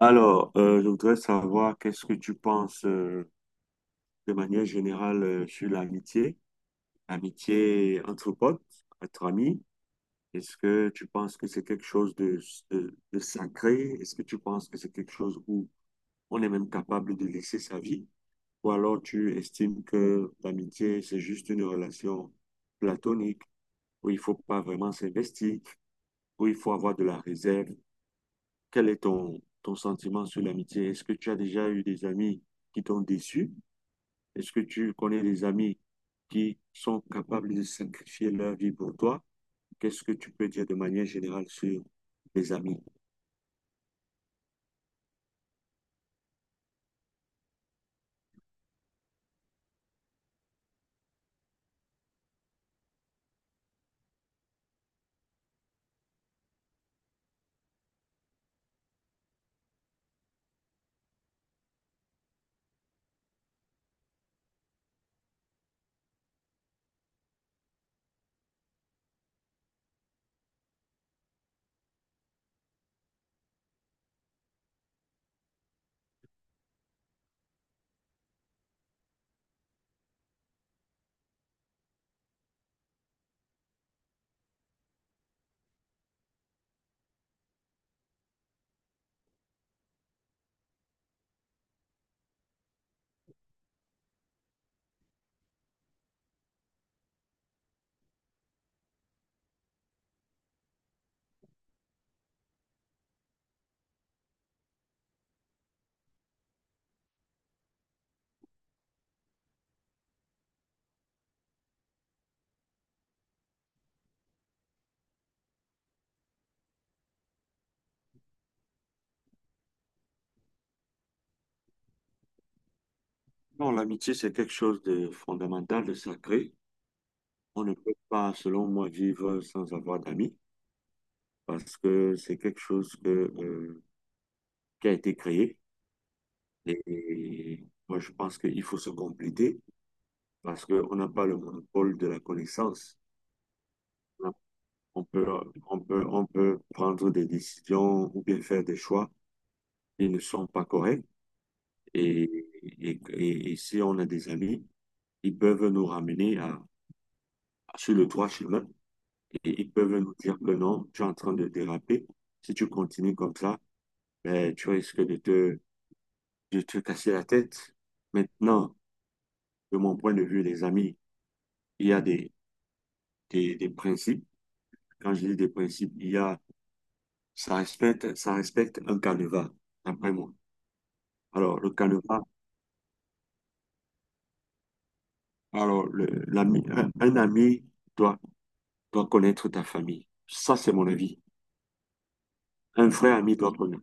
Alors, je voudrais savoir qu'est-ce que tu penses de manière générale sur l'amitié, l'amitié entre potes, entre amis. Est-ce que tu penses que c'est quelque chose de sacré? Est-ce que tu penses que c'est quelque chose où on est même capable de laisser sa vie? Ou alors tu estimes que l'amitié, c'est juste une relation platonique où il faut pas vraiment s'investir, où il faut avoir de la réserve? Quel est ton sentiment sur l'amitié? Est-ce que tu as déjà eu des amis qui t'ont déçu? Est-ce que tu connais des amis qui sont capables de sacrifier leur vie pour toi? Qu'est-ce que tu peux dire de manière générale sur les amis? Non, l'amitié, c'est quelque chose de fondamental, de sacré. On ne peut pas, selon moi, vivre sans avoir d'amis parce que c'est quelque chose que qui a été créé. Et moi, je pense qu'il faut se compléter parce qu'on n'a pas le monopole de la connaissance. On peut, on peut prendre des décisions ou bien faire des choix ils ne sont pas corrects. Et si on a des amis, ils peuvent nous ramener sur le droit chemin et ils peuvent nous dire que non, tu es en train de déraper. Si tu continues comme ça, ben, tu risques de te casser la tête. Maintenant, de mon point de vue, les amis, il y a des principes. Quand je dis des principes, ça respecte un canevas, d'après moi. Alors, le canevas, l'ami, un ami, doit doit connaître ta famille. Ça, c'est mon avis. Un vrai ami doit connaître.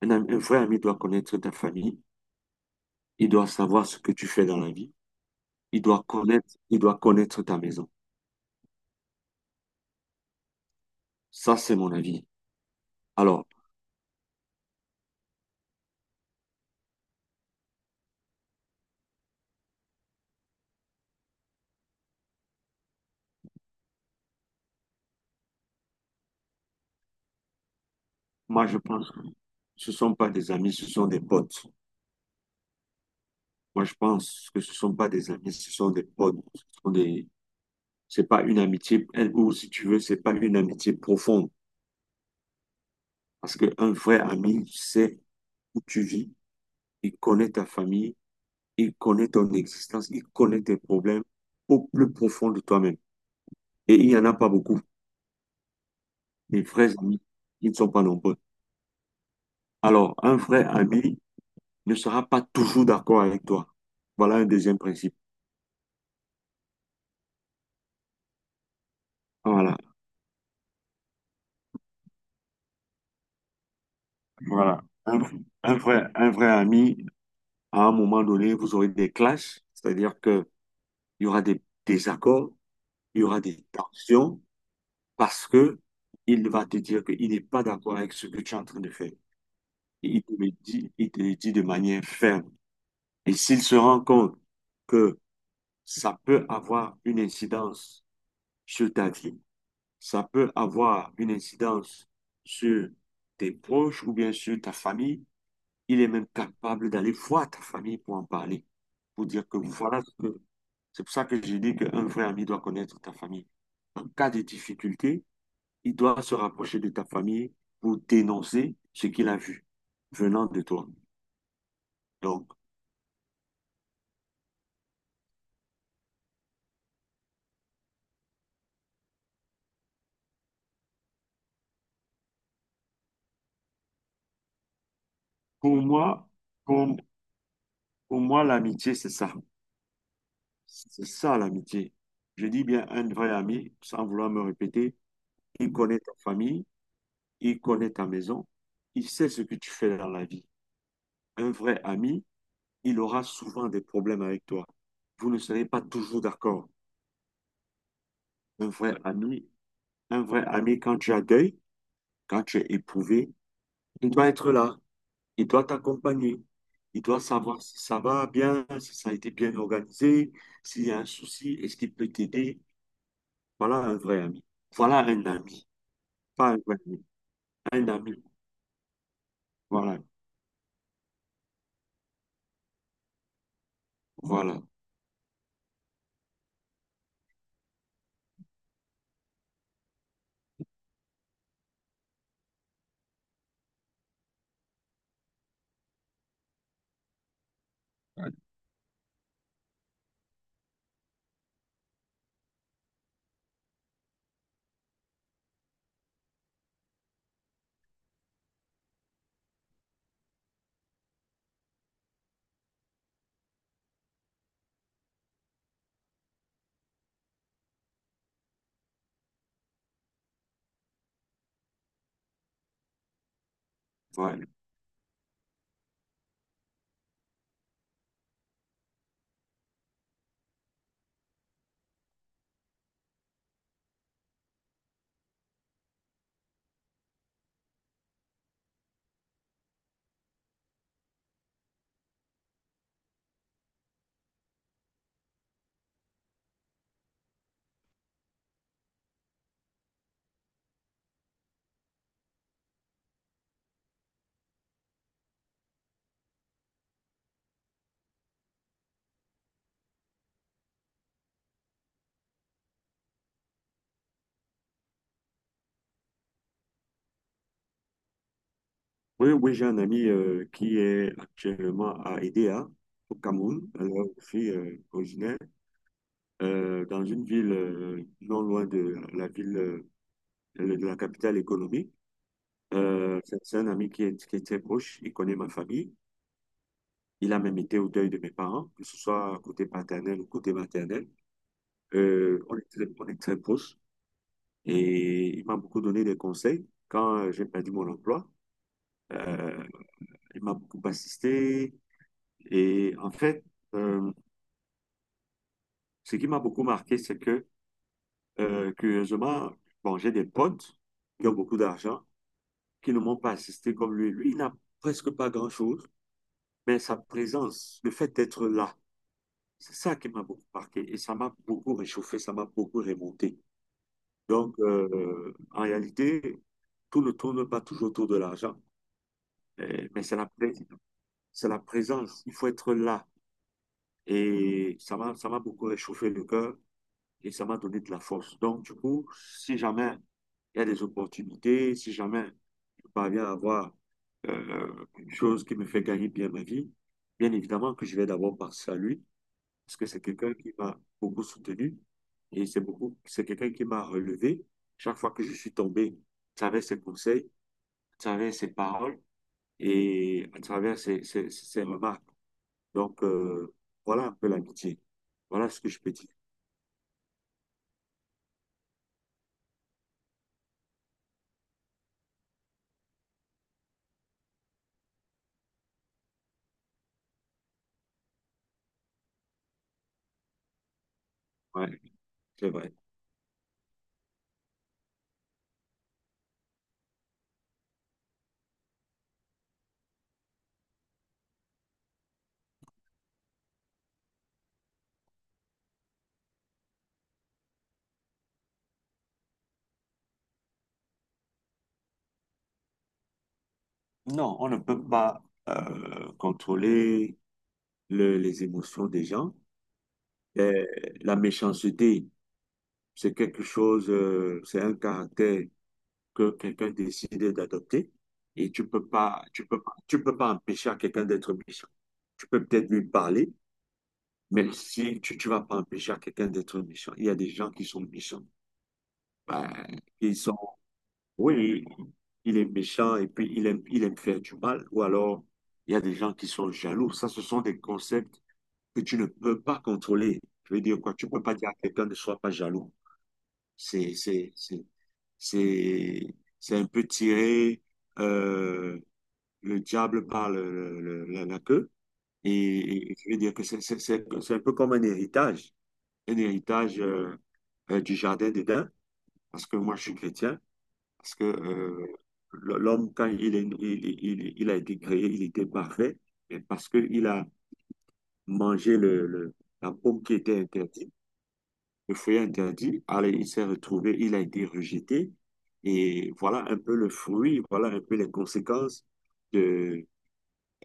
Un vrai ami doit connaître ta famille. Il doit savoir ce que tu fais dans la vie. Il doit connaître ta maison. Ça, c'est mon avis. Alors, moi, je pense que ce ne sont pas des amis, ce sont des potes. Moi, je pense que ce ne sont pas des amis, ce sont des potes. Ce sont des... C'est pas une amitié, ou si tu veux, c'est pas une amitié profonde. Parce qu'un vrai ami, c'est où tu vis, il connaît ta famille, il connaît ton existence, il connaît tes problèmes au plus profond de toi-même. Et il n'y en a pas beaucoup. Les vrais amis, ils ne sont pas nombreux. Alors, un vrai ami ne sera pas toujours d'accord avec toi. Voilà un deuxième principe. Voilà, voilà. Un vrai ami, à un moment donné, vous aurez des clashs, c'est-à-dire que il y aura des désaccords, il y aura des tensions, parce que il va te dire qu'il n'est pas d'accord avec ce que tu es en train de faire. Et il te le dit de manière ferme. Et s'il se rend compte que ça peut avoir une incidence sur ta vie, ça peut avoir une incidence sur tes proches ou bien sur ta famille, il est même capable d'aller voir ta famille pour en parler, pour dire que voilà ce que... C'est pour ça que j'ai dit qu'un vrai ami doit connaître ta famille. En cas de difficulté, il doit se rapprocher de ta famille pour dénoncer ce qu'il a vu venant de toi. Donc, pour moi, pour, pour moi, l'amitié, c'est ça. C'est ça l'amitié. Je dis bien un vrai ami, sans vouloir me répéter, il connaît ta famille, il connaît ta maison, il sait ce que tu fais dans la vie. Un vrai ami, il aura souvent des problèmes avec toi. Vous ne serez pas toujours d'accord. Un vrai ami, un vrai ami, quand tu as deuil, quand tu es éprouvé, il doit être là, il doit t'accompagner. Il doit savoir si ça va bien, si ça a été bien organisé, s'il y a un souci, est-ce qu'il peut t'aider. Voilà un vrai ami. Voilà un ami. Pas un ami, un ami. Voilà, voilà, voilà. Oui, oui, j'ai un ami qui est actuellement à Edea, au Cameroun. Alors, je suis originaire dans une ville non loin de la ville, de la capitale économique. C'est un ami qui est très proche, il connaît ma famille. Il a même été au deuil de mes parents, que ce soit côté paternel ou côté maternel. On est très proches et il m'a beaucoup donné des conseils quand j'ai perdu mon emploi. Euh, il m'a beaucoup assisté. Et en fait, euh, ce qui m'a beaucoup marqué, c'est que, curieusement, bon, j'ai des potes qui ont beaucoup d'argent, qui ne m'ont pas assisté comme lui. Lui, il n'a presque pas grand-chose, mais sa présence, le fait d'être là, c'est ça qui m'a beaucoup marqué. Et ça m'a beaucoup réchauffé, ça m'a beaucoup remonté. Donc, en réalité, tout ne tourne pas toujours autour de l'argent, euh, mais c'est la, pré- c'est la présence. Il faut être là. Et ça m'a beaucoup réchauffé le cœur et ça m'a donné de la force. Donc, du coup, si jamais il y a des opportunités, si jamais je parviens à avoir une chose qui me fait gagner bien ma vie, bien évidemment que je vais d'abord penser à lui, parce que c'est quelqu'un qui m'a beaucoup soutenu et c'est quelqu'un qui m'a relevé. Chaque fois que je suis tombé, à travers ses conseils, à travers ses paroles et à travers ses remarques. Donc, voilà un peu l'amitié. Voilà ce que je peux dire. Ouais, c'est vrai. Non, on ne peut pas contrôler les émotions des gens. Euh, la méchanceté, c'est quelque chose, c'est un caractère que quelqu'un décide d'adopter et tu peux pas empêcher à quelqu'un d'être méchant. Tu peux peut-être lui parler, mais si tu, tu vas pas empêcher à quelqu'un d'être méchant. Il y a des gens qui sont méchants. Ben, ils sont, oui, il est méchant et puis il aime faire du mal ou alors il y a des gens qui sont jaloux. Ça, ce sont des concepts que tu ne peux pas contrôler. Je veux dire quoi, tu ne peux pas dire à quelqu'un ne sois pas jaloux. C'est, c'est, c'est, c'est un peu tirer euh, le diable par la queue. Et je veux dire que c'est un peu comme un héritage du jardin d'Éden, parce que moi je suis chrétien, parce que l'homme, quand il, est- il a été créé, il était parfait, mais parce qu'il a mangé la pomme qui était interdite. Le foyer interdit. Allez, il s'est retrouvé, il a été rejeté. Et voilà un peu le fruit, voilà un peu les conséquences de,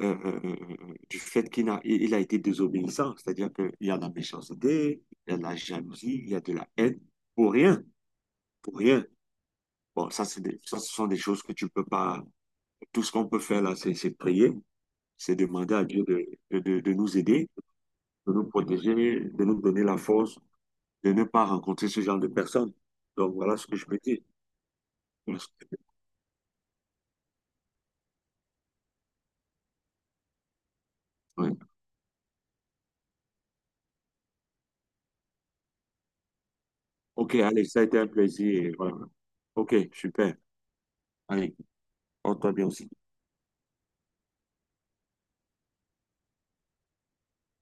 du fait il a été désobéissant. C'est-à-dire qu'il y a de la méchanceté, il y a de la jalousie, il y a de la haine, pour rien, pour rien. Bon, ça, ce sont des choses que tu ne peux pas. Tout ce qu'on peut faire là, c'est prier, c'est demander à Dieu de nous aider, de nous protéger, de nous donner la force, de ne pas rencontrer ce genre de personnes. Donc voilà ce que je peux dire. Ok, ouais. Ok, allez, ça a été un plaisir. Voilà. Ok, super. Allez, on toi bien aussi.